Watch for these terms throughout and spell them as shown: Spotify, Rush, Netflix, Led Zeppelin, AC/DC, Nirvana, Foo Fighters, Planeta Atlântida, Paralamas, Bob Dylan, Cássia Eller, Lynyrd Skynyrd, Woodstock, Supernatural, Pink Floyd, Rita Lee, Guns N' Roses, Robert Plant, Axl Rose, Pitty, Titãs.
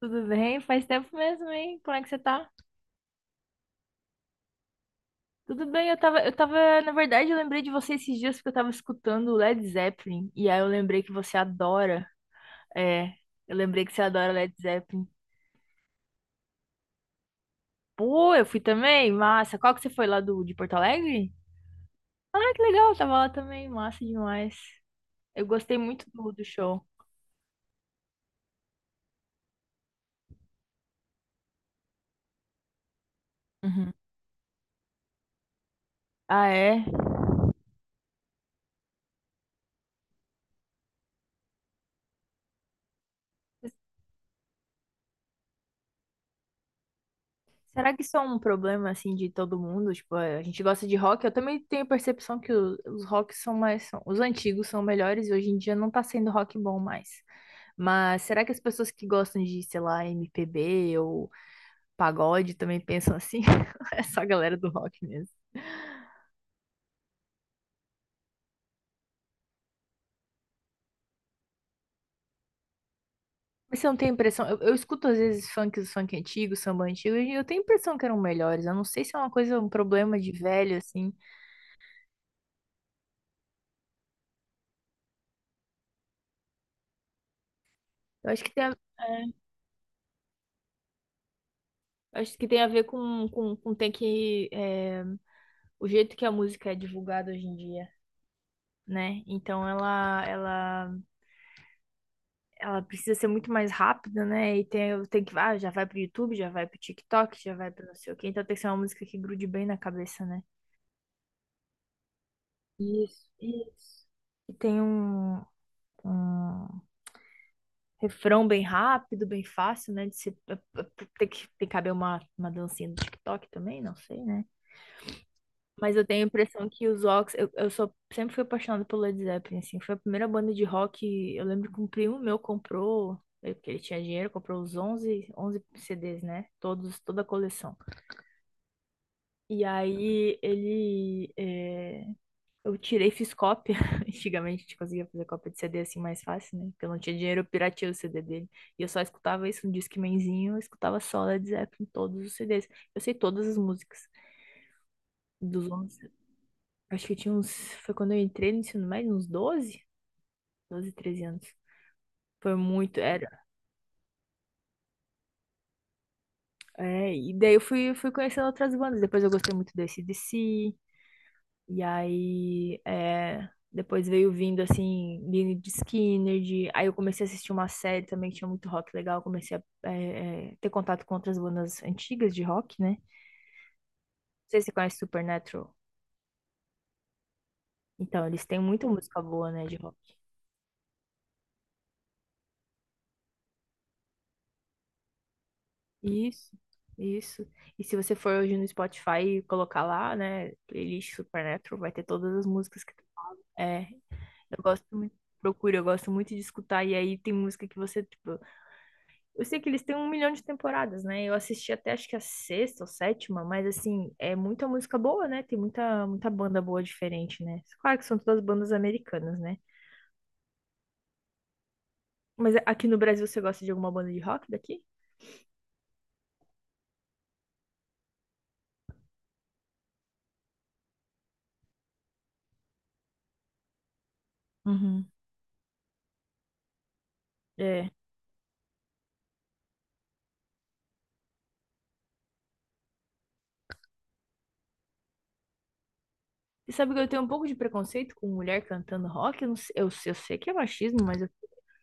Tudo bem? Faz tempo mesmo, hein? Como é que você tá? Tudo bem, eu tava, na verdade, eu lembrei de você esses dias porque eu tava escutando o Led Zeppelin, e aí eu lembrei que você adora. É, eu lembrei que você adora Led Zeppelin. Pô, eu fui também, massa. Qual que você foi lá de Porto Alegre? Ah, que legal, eu tava lá também, massa demais. Eu gostei muito do show. Uhum. Ah, é? Será que isso é um problema, assim, de todo mundo? Tipo, a gente gosta de rock. Eu também tenho a percepção que os rocks são mais, os antigos são melhores e hoje em dia não tá sendo rock bom mais. Mas será que as pessoas que gostam de, sei lá, MPB ou pagode também pensam assim? É só a galera do rock mesmo. Mas você não tem a impressão. Eu escuto às vezes funk antigo, samba antigo, e eu tenho a impressão que eram melhores. Eu não sei se é uma coisa, um problema de velho, assim. Eu acho que tem a ver com o jeito que a música é divulgada hoje em dia, né? Então ela precisa ser muito mais rápida, né? E tem que já vai pro YouTube, já vai pro TikTok, já vai pro não sei o quê. Então tem que ser uma música que grude bem na cabeça, né? Isso, isso. E tem um, um refrão bem rápido, bem fácil, né? De ser, tem que caber uma dancinha do TikTok também, não sei, né? Mas eu tenho a impressão que eu, sempre fui apaixonada pelo Led Zeppelin, assim, foi a primeira banda de rock. Eu lembro que um primo meu comprou, porque ele tinha dinheiro, comprou os 11 11 CDs, né, todos, toda a coleção. E aí eu tirei, fiz cópia. Antigamente a gente conseguia fazer cópia de CD assim mais fácil, né, porque eu não tinha dinheiro, eu pirateei o CD dele, e eu só escutava isso no Discmanzinho. Eu escutava só Led Zeppelin, todos os CDs, eu sei todas as músicas dos onze. Acho que eu tinha uns. Foi quando eu entrei no ensino médio, uns doze 13 anos. Foi muito, era. É, e daí eu fui conhecendo outras bandas. Depois eu gostei muito do AC/DC. E aí, depois veio vindo, assim, Lynyrd Skynyrd. Aí eu comecei a assistir uma série também que tinha muito rock legal. Comecei a ter contato com outras bandas antigas de rock, né? Não sei se você conhece Supernatural. Então, eles têm muita música boa, né, de rock. Isso, isso. E se você for hoje no Spotify e colocar lá, né, playlist Supernatural, vai ter todas as músicas que é, eu gosto muito, procura, eu gosto muito de escutar, e aí tem música que você, tipo, eu sei que eles têm um milhão de temporadas, né? Eu assisti até acho que a sexta ou sétima, mas assim, é muita música boa, né? Tem muita banda boa diferente, né? Claro que são todas bandas americanas, né? Mas aqui no Brasil você gosta de alguma banda de rock daqui? Uhum. É. Você sabe que eu tenho um pouco de preconceito com mulher cantando rock? Eu, não sei, eu sei que é machismo, mas eu,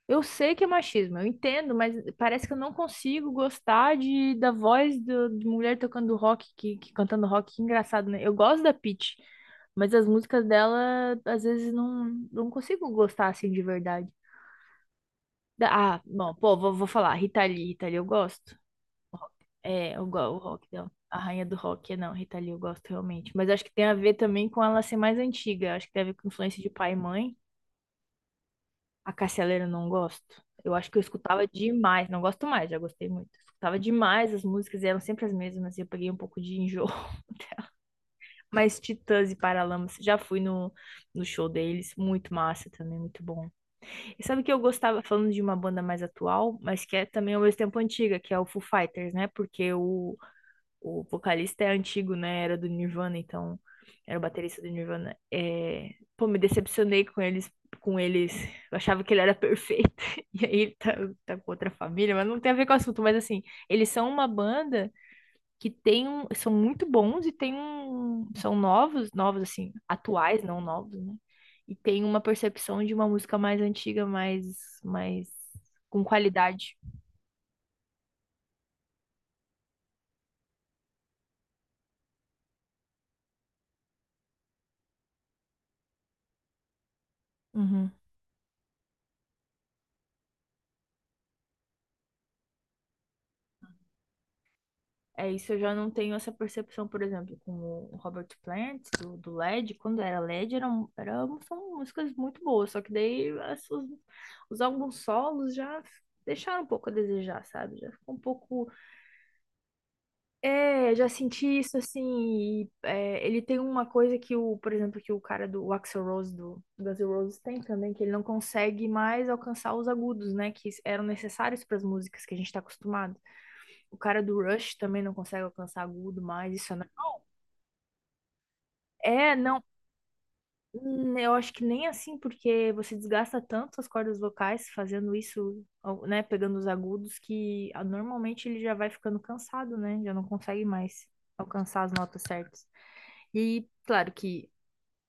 eu sei que é machismo, eu entendo, mas parece que eu não consigo gostar da voz de mulher tocando rock, que cantando rock, que engraçado, né? Eu gosto da Pitty, mas as músicas dela, às vezes, não, não consigo gostar assim de verdade. Da- Ah, bom, pô, vou falar, Rita Lee, Rita Lee eu gosto. É, o rock dela. A rainha do rock, é não, Rita Lee, eu gosto realmente. Mas acho que tem a ver também com ela ser mais antiga. Acho que tem a ver com influência de pai e mãe. A Cássia Eller eu não gosto. Eu acho que eu escutava demais. Não gosto mais, já gostei muito. Escutava demais, as músicas eram sempre as mesmas. E eu peguei um pouco de enjoo. Mas Titãs e Paralamas, já fui no show deles. Muito massa também, muito bom. E sabe o que eu gostava, falando de uma banda mais atual, mas que é também ao mesmo tempo antiga, que é o Foo Fighters, né? Porque o vocalista é antigo, né? Era do Nirvana, então era o baterista do Nirvana. Pô, me decepcionei com eles, com eles. Eu achava que ele era perfeito. E aí ele tá com outra família, mas não tem a ver com o assunto. Mas assim, eles são uma banda que tem um, são muito bons, e tem um, são novos, novos assim, atuais, não novos, né? E tem uma percepção de uma música mais antiga, mais com qualidade. Uhum. É isso, eu já não tenho essa percepção, por exemplo, com o Robert Plant, do Led, quando era Led, são músicas muito boas, só que daí os álbuns solos já deixaram um pouco a desejar, sabe? Já ficou um pouco. É, já senti isso assim. E, ele tem uma coisa que por exemplo, que o cara do o Axl Rose do Guns N' Roses tem também, que ele não consegue mais alcançar os agudos, né? Que eram necessários para as músicas que a gente está acostumado. O cara do Rush também não consegue alcançar agudo mais, É, não, eu acho que nem assim, porque você desgasta tanto as cordas vocais fazendo isso, né, pegando os agudos, que normalmente ele já vai ficando cansado, né? Já não consegue mais alcançar as notas certas. E claro que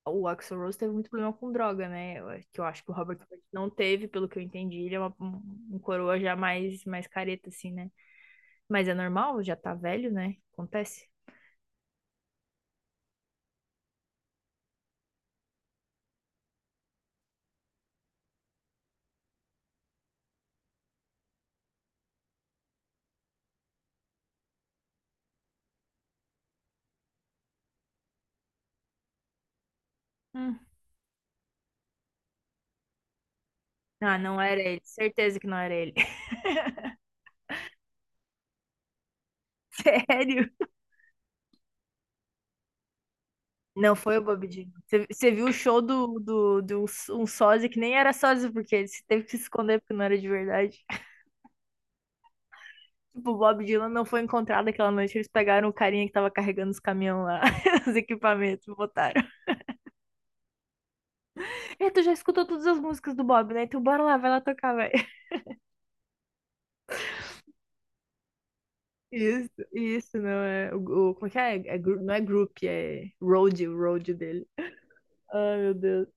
o Axl Rose teve muito problema com droga, né? Que eu acho que o Robert Plant não teve, pelo que eu entendi, ele é um coroa já mais, careta, assim, né? Mas é normal, já tá velho, né? Acontece. Hum. Ah, não era ele. Certeza que não era ele. Sério? Não foi o Bob Dylan. Você viu o show de um sósia que nem era sósia, porque ele teve que se esconder porque não era de verdade. Tipo, o Bob Dylan não foi encontrado aquela noite. Eles pegaram o carinha que tava carregando os caminhões lá, os equipamentos, e botaram. E tu já escutou todas as músicas do Bob, né? Então bora lá, vai lá tocar, vai. Isso, não é. Como é que é? Não é group, é road, o road dele. Ai, meu Deus.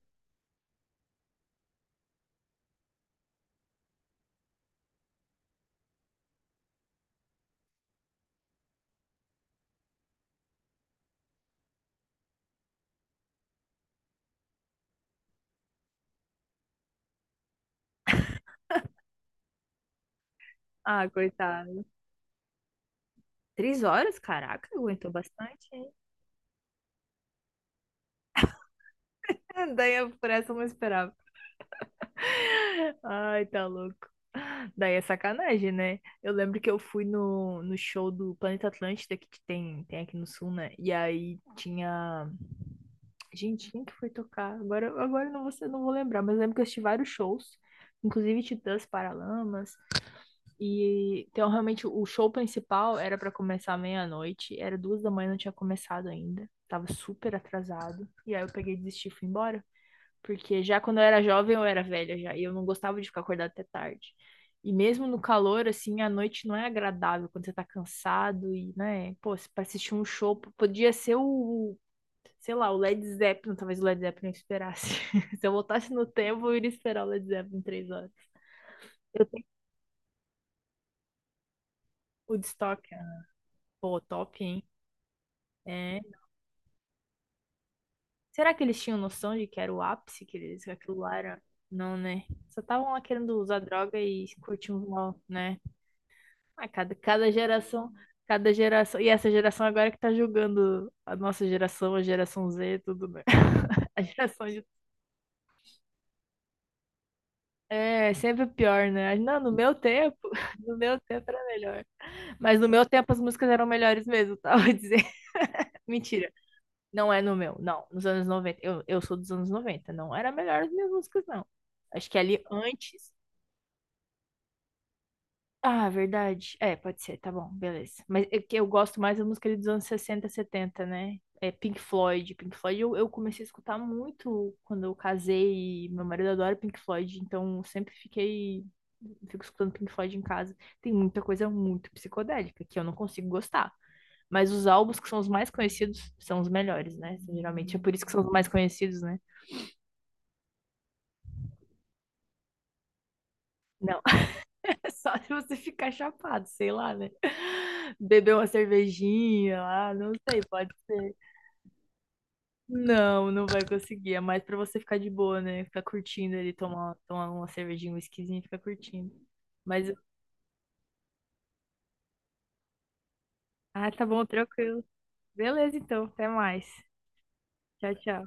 Ah, coitado. 3 horas? Caraca, aguentou bastante, hein? Daí eu, por essa, eu não esperava. Ai, tá louco. Daí é sacanagem, né? Eu lembro que eu fui no show do Planeta Atlântida, que tem aqui no Sul, né? E aí tinha. Gente, quem que foi tocar? Agora eu não vou lembrar, mas eu lembro que eu assisti vários shows, inclusive Titãs, Paralamas. E então realmente o show principal era pra começar meia-noite, era 2 da manhã, não tinha começado ainda. Tava super atrasado. E aí eu peguei e desisti e fui embora. Porque já quando eu era jovem, eu era velha já, e eu não gostava de ficar acordada até tarde. E mesmo no calor, assim, a noite não é agradável quando você tá cansado e, né, pô, pra assistir um show, podia ser o, sei lá, o Led Zeppelin. Talvez o Led Zeppelin eu esperasse. Se eu voltasse no tempo, eu iria esperar o Led Zeppelin 3 horas. Eu tenho o Woodstock, né? Pô, top, hein? É. Será que eles tinham noção de que era o ápice, que que aquilo lá era? Não, né? Só estavam lá querendo usar droga e curtir um mal, né? Ah, cada geração, cada geração. E essa geração agora que tá julgando a nossa geração, a geração Z, tudo, né? A geração de. É, sempre pior, né? Não, no meu tempo, no meu tempo era melhor. Mas no meu tempo as músicas eram melhores mesmo. Tá? Vou dizer. Mentira. Não é no meu, não. Nos anos 90, eu sou dos anos 90. Não era melhor as minhas músicas, não. Acho que ali antes. Ah, verdade. É, pode ser, tá bom, beleza. Mas é que eu gosto mais da música ali dos anos 60, 70, né? É Pink Floyd. Pink Floyd eu comecei a escutar muito quando eu casei. E meu marido adora Pink Floyd, então eu sempre fiquei. Fico escutando Pink Floyd em casa. Tem muita coisa muito psicodélica que eu não consigo gostar. Mas os álbuns que são os mais conhecidos são os melhores, né? Geralmente é por isso que são os mais conhecidos, né? Não, só se você ficar chapado, sei lá, né? Beber uma cervejinha lá, não sei, pode ser. Não, não vai conseguir. É mais pra você ficar de boa, né? Ficar curtindo ali, tomar uma cervejinha, um whiskyzinho e ficar curtindo. Mas, tá bom, tranquilo. Beleza, então, até mais. Tchau, tchau.